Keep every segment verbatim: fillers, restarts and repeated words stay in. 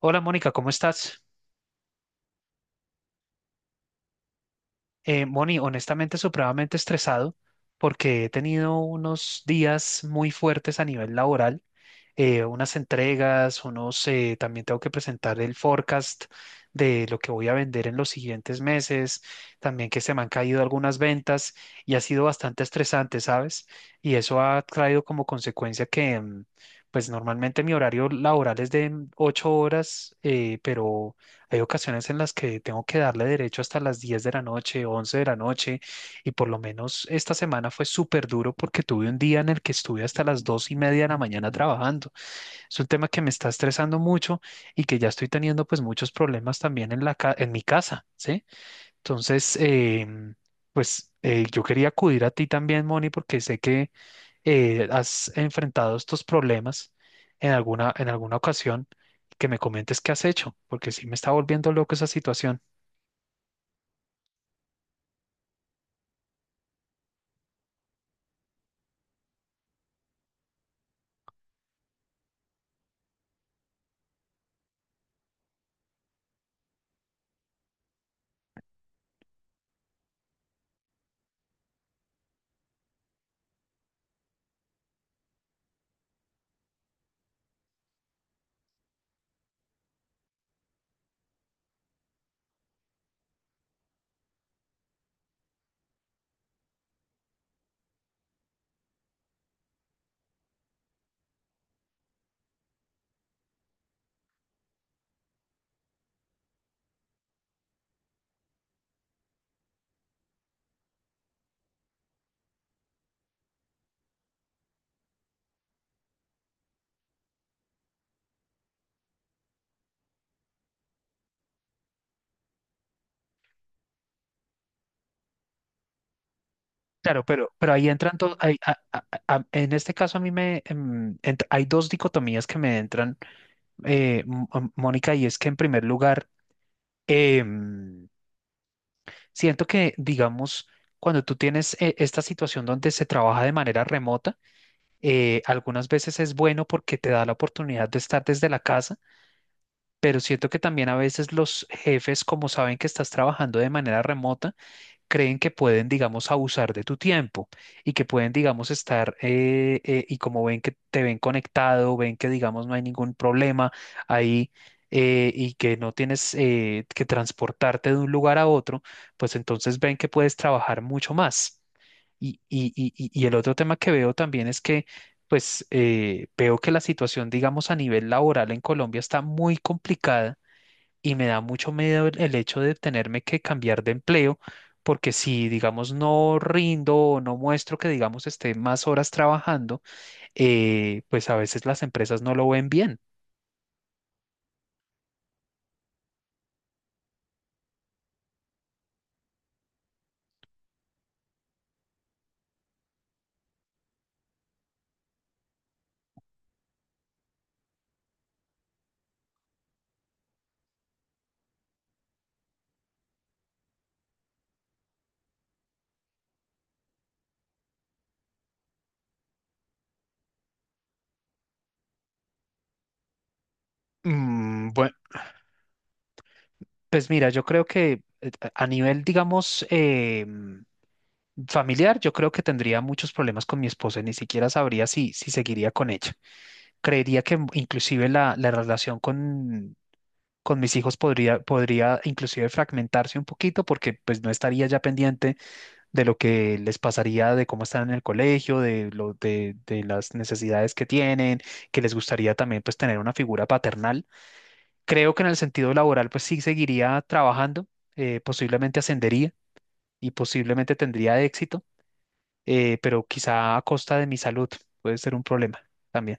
Hola Mónica, ¿cómo estás? Eh, Moni, honestamente, supremamente estresado porque he tenido unos días muy fuertes a nivel laboral, eh, unas entregas, unos, eh, también tengo que presentar el forecast de lo que voy a vender en los siguientes meses, también que se me han caído algunas ventas y ha sido bastante estresante, ¿sabes? Y eso ha traído como consecuencia que, mm, pues normalmente mi horario laboral es de mm, ocho horas, eh, pero hay ocasiones en las que tengo que darle derecho hasta las diez de la noche, once de la noche, y por lo menos esta semana fue súper duro porque tuve un día en el que estuve hasta las dos y media de la mañana trabajando. Es un tema que me está estresando mucho y que ya estoy teniendo pues muchos problemas también en la ca- en mi casa, ¿sí? Entonces, em, pues eh, yo quería acudir a ti también, Moni, porque sé que eh, has enfrentado estos problemas en alguna, en alguna ocasión, que me comentes qué has hecho, porque sí me está volviendo loco esa situación. Claro, pero, pero ahí entran dos, ahí- a- a- a- en este caso a mí me, em, ent- hay dos dicotomías que me entran, eh, M- M- Mónica, y es que en primer lugar, em, siento que, digamos, cuando tú tienes eh, esta situación donde se trabaja de manera remota, eh, algunas veces es bueno porque te da la oportunidad de estar desde la casa, pero siento que también a veces los jefes, como saben que estás trabajando de manera remota, creen que pueden, digamos, abusar de tu tiempo y que pueden, digamos, estar eh, eh, y como ven que te ven conectado, ven que, digamos, no hay ningún problema ahí, eh, y que no tienes eh, que transportarte de un lugar a otro, pues entonces ven que puedes trabajar mucho más. Y, y- y- y- y el otro tema que veo también es que, pues, eh, veo que la situación, digamos, a nivel laboral en Colombia está muy complicada y me da mucho miedo el el hecho de tenerme que cambiar de empleo, porque si, digamos, no rindo o no muestro que, digamos, esté más horas trabajando, eh, pues a veces las empresas no lo ven bien. Mm, bue- Pues mira, yo creo que eh, a a nivel, digamos, eh, mm, familiar, yo creo que tendría muchos problemas con mi esposa y ni siquiera sabría si, si seguiría con ella. Creería que inclusive la, la relación con con mis hijos podría, podría inclusive fragmentarse un poquito porque pues no estaría ya pendiente de lo que les pasaría, de cómo están en el colegio, de, lo, de, de las necesidades que tienen, que les gustaría también pues tener una figura paternal. Creo que en el sentido laboral pues sí seguiría trabajando, eh, posiblemente ascendería y posiblemente tendría éxito, eh, pero quizá a costa de mi salud puede ser un problema también.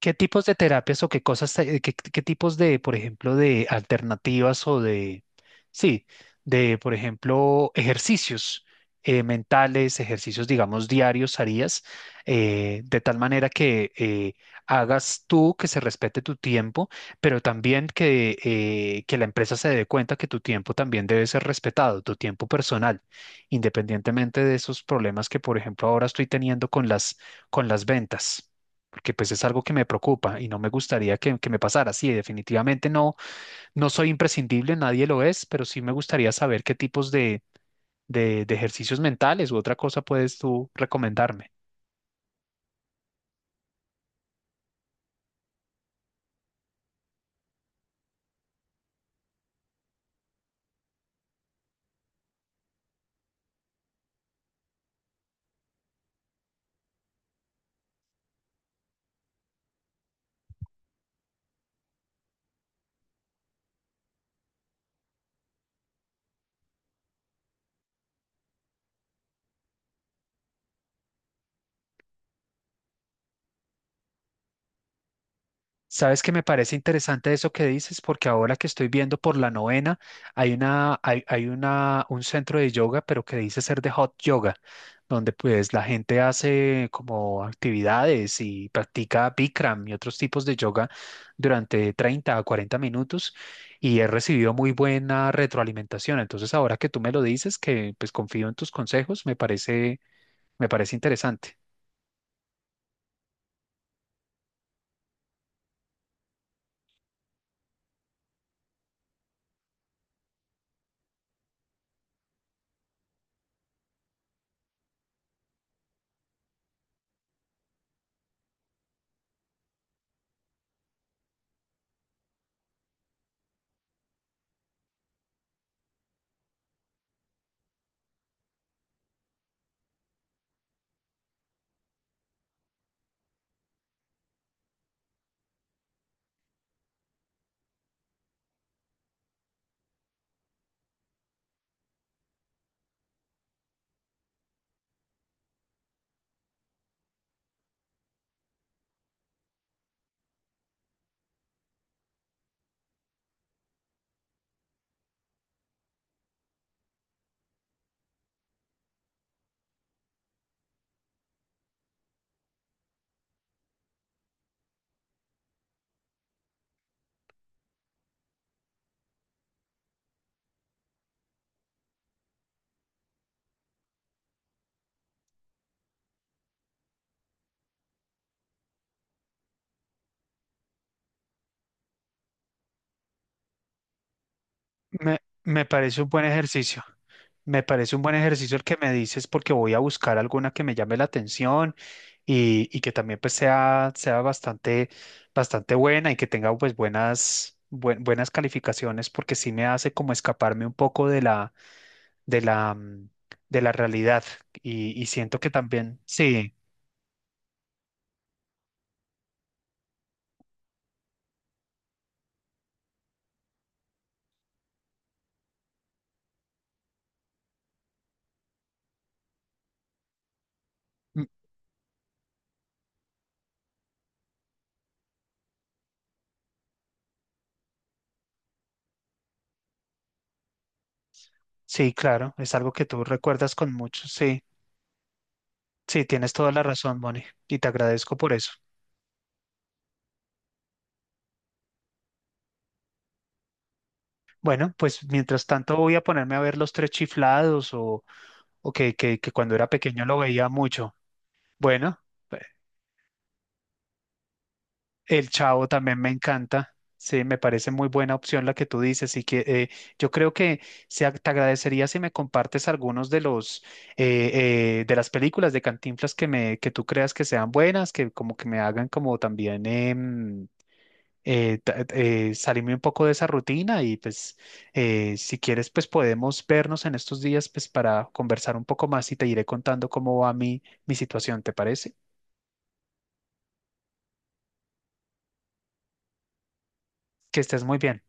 ¿Qué tipos de terapias o qué cosas, te- qué, qué tipos de, por ejemplo, de alternativas o de, sí, de, por ejemplo, ejercicios eh, mentales, ejercicios, digamos, diarios harías? Eh, de tal manera que eh, hagas tú, que se respete tu tiempo, pero también que, eh, que la empresa se dé cuenta que tu tiempo también debe ser respetado, tu tiempo personal, independientemente de esos problemas que, por ejemplo, ahora estoy teniendo con las, con las ventas porque pues es algo que me preocupa y no me gustaría que, que me pasara. Sí, definitivamente no, no soy imprescindible, nadie lo es, pero sí me gustaría saber qué tipos de, de, de ejercicios mentales u otra cosa puedes tú recomendarme. Sabes que me parece interesante eso que dices, porque ahora que estoy viendo por la novena, hay una, hay, hay una, un centro de yoga, pero que dice ser de hot yoga, donde pues la gente hace como actividades y practica Bikram y otros tipos de yoga durante treinta a cuarenta minutos y he recibido muy buena retroalimentación. Entonces, ahora que tú me lo dices, que pues confío en tus consejos, me parece, me parece interesante. Me, me parece un buen ejercicio. Me parece un buen ejercicio el que me dices porque voy a buscar alguna que me llame la atención y, y que también pues sea, sea bastante, bastante buena y que tenga pues buenas, buen- buenas calificaciones porque sí me hace como escaparme un poco de la, de la, mm, de la realidad y, y siento que también, sí, mm, sí, claro, es algo que tú recuerdas con mucho, sí, sí, tienes toda la razón, Moni, y te agradezco por eso. Bueno, pues mientras tanto voy a ponerme a ver los tres chiflados o, o que, que, que cuando era pequeño lo veía mucho. Bueno, eh, el Chavo también me encanta. Sí, me parece muy buena opción la que tú dices. Y que eh, yo creo que se ag- te agradecería si me compartes algunos de los eh, eh, de las películas de Cantinflas que me que tú creas que sean buenas, que como que me hagan como también em, eh, ta- eh, salirme un poco de esa rutina y pues eh, si quieres pues podemos vernos en estos días pues para conversar un poco más y te iré contando cómo va mi, mi situación, ¿te parece? Que estés muy bien.